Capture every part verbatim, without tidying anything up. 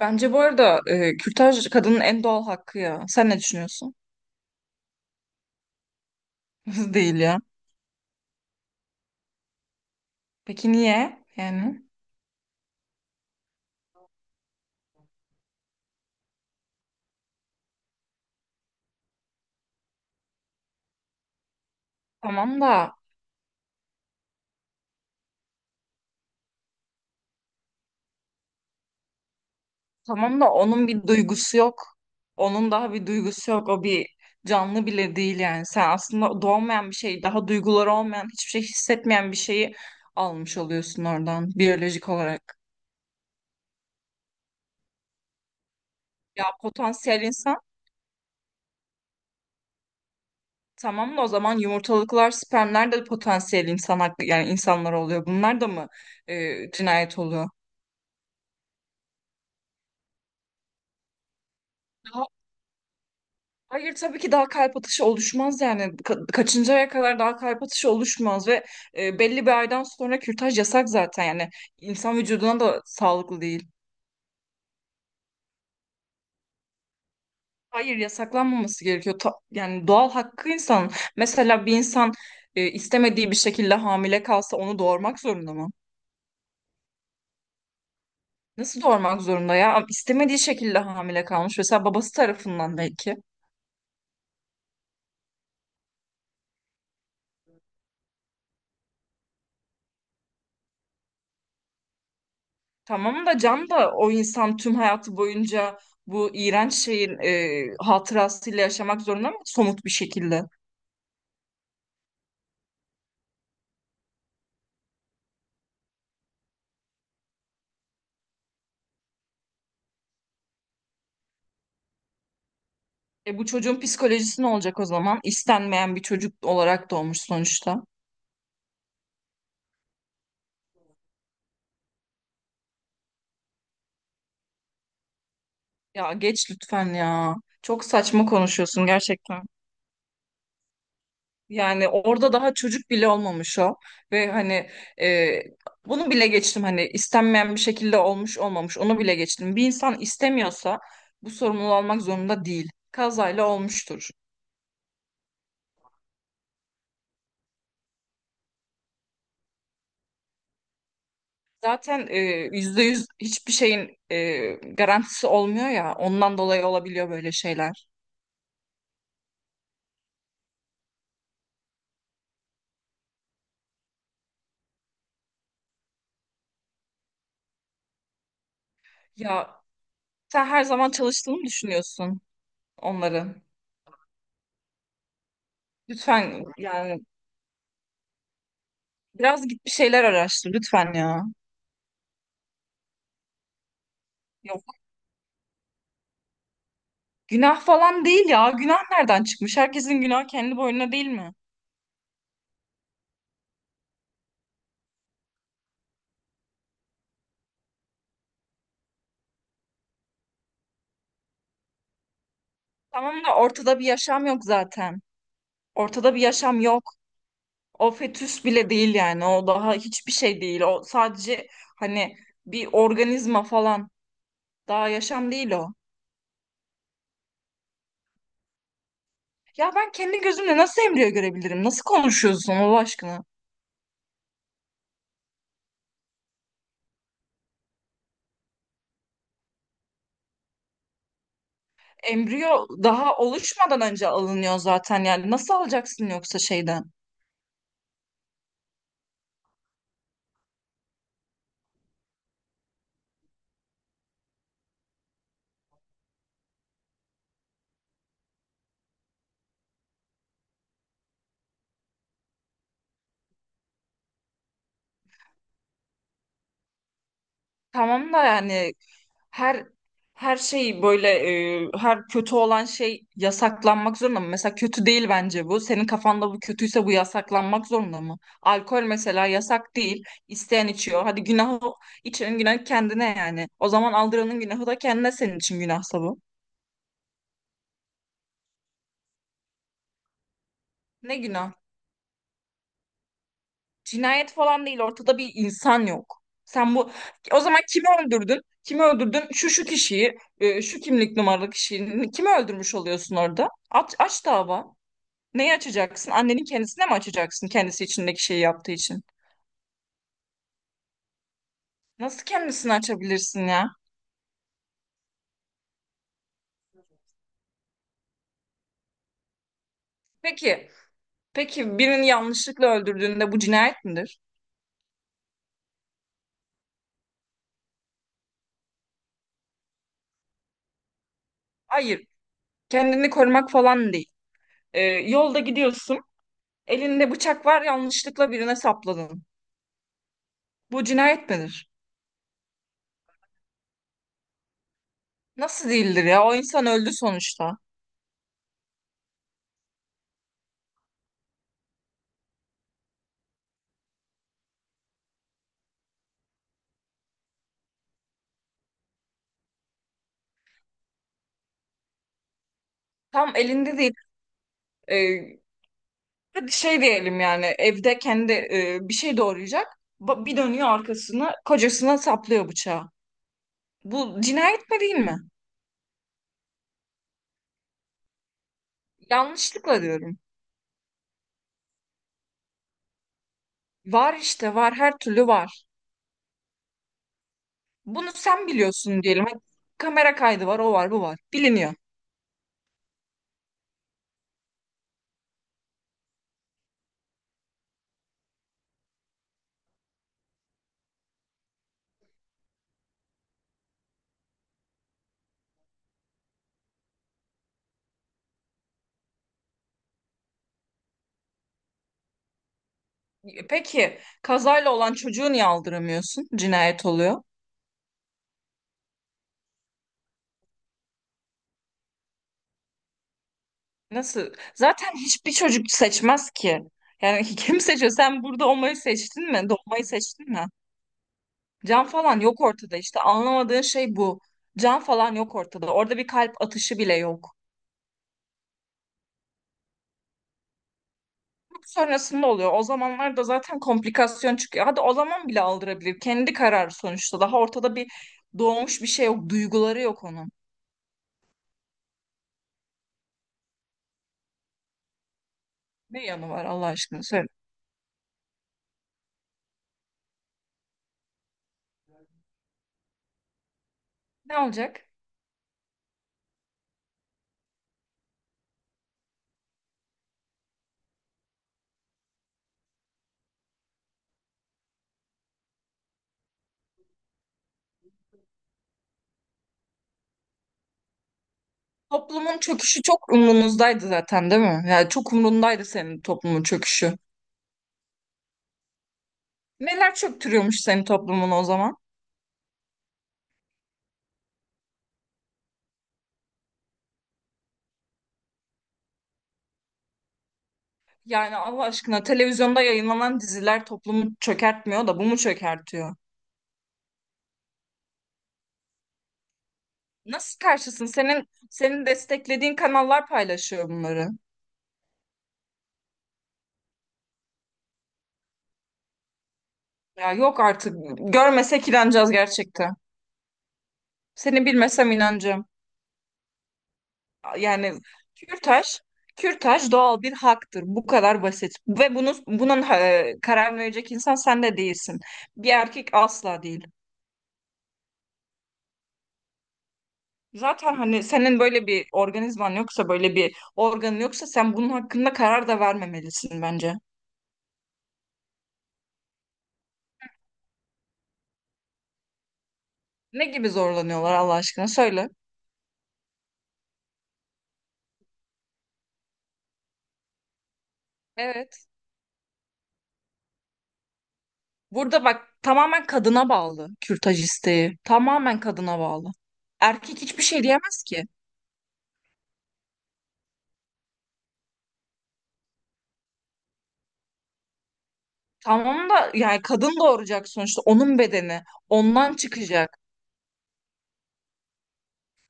Bence bu arada e, kürtaj kadının en doğal hakkı ya. Sen ne düşünüyorsun? Değil ya. Peki niye? Yani tamam da tamam da onun bir duygusu yok. Onun daha bir duygusu yok. O bir canlı bile değil yani. Sen aslında doğmayan bir şey, daha duyguları olmayan, hiçbir şey hissetmeyen bir şeyi almış oluyorsun oradan biyolojik olarak. Ya potansiyel insan tamam da o zaman yumurtalıklar, spermler de potansiyel insan hakkı yani insanlar oluyor. Bunlar da mı e, cinayet oluyor? Hayır tabii ki daha kalp atışı oluşmaz yani Ka- kaçıncı aya kadar daha kalp atışı oluşmaz ve e, belli bir aydan sonra kürtaj yasak zaten yani insan vücuduna da sağlıklı değil. Hayır yasaklanmaması gerekiyor Ta- yani doğal hakkı insan. Mesela bir insan e, istemediği bir şekilde hamile kalsa onu doğurmak zorunda mı? Nasıl doğurmak zorunda ya? İstemediği şekilde hamile kalmış mesela babası tarafından belki. Tamam da Can da o insan tüm hayatı boyunca bu iğrenç şeyin e, hatırasıyla yaşamak zorunda mı somut bir şekilde? E bu çocuğun psikolojisi ne olacak o zaman? İstenmeyen bir çocuk olarak doğmuş sonuçta. Ya geç lütfen ya. Çok saçma konuşuyorsun gerçekten. Yani orada daha çocuk bile olmamış o. Ve hani e, bunu bile geçtim hani istenmeyen bir şekilde olmuş olmamış onu bile geçtim. Bir insan istemiyorsa bu sorumluluğu almak zorunda değil. Kazayla olmuştur. Zaten e, yüzde yüz hiçbir şeyin e, garantisi olmuyor ya. Ondan dolayı olabiliyor böyle şeyler. Ya sen her zaman çalıştığını mı düşünüyorsun onların. Lütfen yani biraz git bir şeyler araştır lütfen ya. Yok günah falan değil ya. Günah nereden çıkmış? Herkesin günahı kendi boynuna değil mi? Tamam da ortada bir yaşam yok zaten. Ortada bir yaşam yok. O fetüs bile değil yani. O daha hiçbir şey değil. O sadece hani bir organizma falan. Daha yaşam değil o. Ya ben kendi gözümle nasıl embriyo görebilirim? Nasıl konuşuyorsun Allah aşkına? Embriyo daha oluşmadan önce alınıyor zaten yani. Nasıl alacaksın yoksa şeyden? Tamam da yani her her şey böyle e, her kötü olan şey yasaklanmak zorunda mı? Mesela kötü değil bence bu. Senin kafanda bu kötüyse bu yasaklanmak zorunda mı? Alkol mesela yasak değil. İsteyen içiyor. Hadi günahı içenin günahı kendine yani. O zaman aldıranın günahı da kendine senin için günahsa bu. Ne günah? Cinayet falan değil. Ortada bir insan yok. Sen bu o zaman kimi öldürdün? Kimi öldürdün? Şu şu kişiyi, e, şu kimlik numaralı kişiyi kimi öldürmüş oluyorsun orada? Aç, aç dava. Neyi açacaksın? Annenin kendisine mi açacaksın kendisi içindeki şeyi yaptığı için? Nasıl kendisini açabilirsin ya? Peki, peki birini yanlışlıkla öldürdüğünde bu cinayet midir? Hayır, kendini korumak falan değil. Ee, yolda gidiyorsun, elinde bıçak var, yanlışlıkla birine sapladın. Bu cinayet midir? Nasıl değildir ya? O insan öldü sonuçta. Tam elinde değil. Ee, hadi şey diyelim yani evde kendi e, bir şey doğrayacak. Ba- Bir dönüyor arkasını, kocasına saplıyor bıçağı. Bu cinayet mi değil mi? Yanlışlıkla diyorum. Var işte var her türlü var. Bunu sen biliyorsun diyelim. Hadi kamera kaydı var o var bu var. Biliniyor. Peki kazayla olan çocuğu niye aldıramıyorsun? Cinayet oluyor. Nasıl? Zaten hiçbir çocuk seçmez ki. Yani kim seçiyor? Sen burada olmayı seçtin mi? Doğmayı seçtin mi? Can falan yok ortada işte. Anlamadığın şey bu. Can falan yok ortada. Orada bir kalp atışı bile yok. Sonrasında oluyor. O zamanlar da zaten komplikasyon çıkıyor. Hadi o zaman bile aldırabilir. Kendi kararı sonuçta. Daha ortada bir doğmuş bir şey yok. Duyguları yok onun. Ne yanı var Allah aşkına söyle. Ne olacak? Toplumun çöküşü çok umrunuzdaydı zaten değil mi? Yani çok umrundaydı senin toplumun çöküşü. Neler çöktürüyormuş senin toplumun o zaman? Yani Allah aşkına televizyonda yayınlanan diziler toplumu çökertmiyor da bu mu çökertiyor? Nasıl karşısın? Senin senin desteklediğin kanallar paylaşıyor bunları. Ya yok artık. Görmesek inanacağız gerçekten. Seni bilmesem inanacağım. Yani kürtaj, kürtaj doğal bir haktır. Bu kadar basit. Ve bunu, bunun e, karar verecek insan sen de değilsin. Bir erkek asla değil. Zaten hani senin böyle bir organizman yoksa, böyle bir organın yoksa sen bunun hakkında karar da vermemelisin bence. Ne gibi zorlanıyorlar Allah aşkına söyle. Evet. Burada bak tamamen kadına bağlı kürtaj isteği. Tamamen kadına bağlı. Erkek hiçbir şey diyemez ki. Tamam da yani kadın doğuracak sonuçta onun bedeni ondan çıkacak.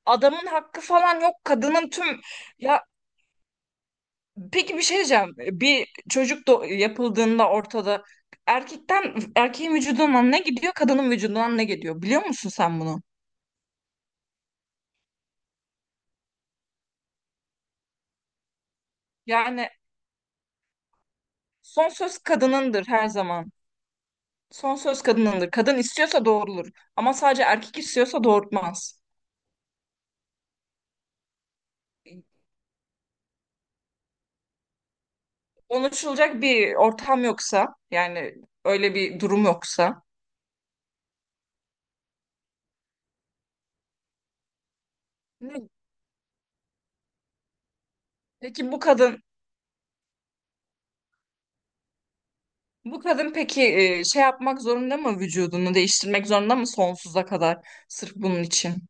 Adamın hakkı falan yok. Kadının tüm ya peki bir şey diyeceğim. Bir çocuk do- yapıldığında ortada erkekten erkeğin vücudundan ne gidiyor, kadının vücudundan ne gidiyor? Biliyor musun sen bunu? Yani son söz kadınındır her zaman. Son söz kadınındır. Kadın istiyorsa doğrulur. Ama sadece erkek istiyorsa doğurtmaz. Konuşulacak bir ortam yoksa, yani öyle bir durum yoksa. Ne- Peki bu kadın, bu kadın peki e, şey yapmak zorunda mı vücudunu değiştirmek zorunda mı sonsuza kadar sırf bunun için?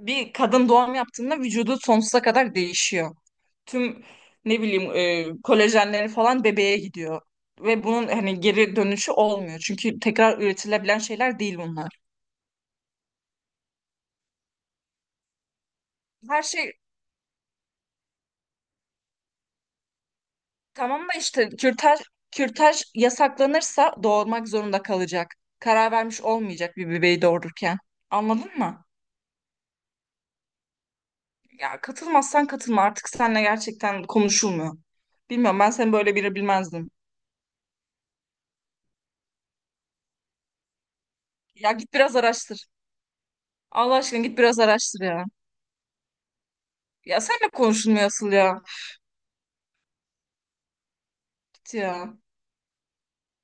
Bir kadın doğum yaptığında vücudu sonsuza kadar değişiyor. Tüm ne bileyim e, kolajenleri falan bebeğe gidiyor. Ve bunun hani geri dönüşü olmuyor. Çünkü tekrar üretilebilen şeyler değil bunlar her şey. Tamam da işte kürtaj kürtaj yasaklanırsa doğurmak zorunda kalacak. Karar vermiş olmayacak bir bebeği doğururken. Anladın mı? Ya katılmazsan katılma. Artık seninle gerçekten konuşulmuyor. Bilmiyorum ben seni böyle biri bilmezdim. Ya git biraz araştır. Allah aşkına git biraz araştır ya. Ya seninle konuşulmuyor asıl ya. Git ya.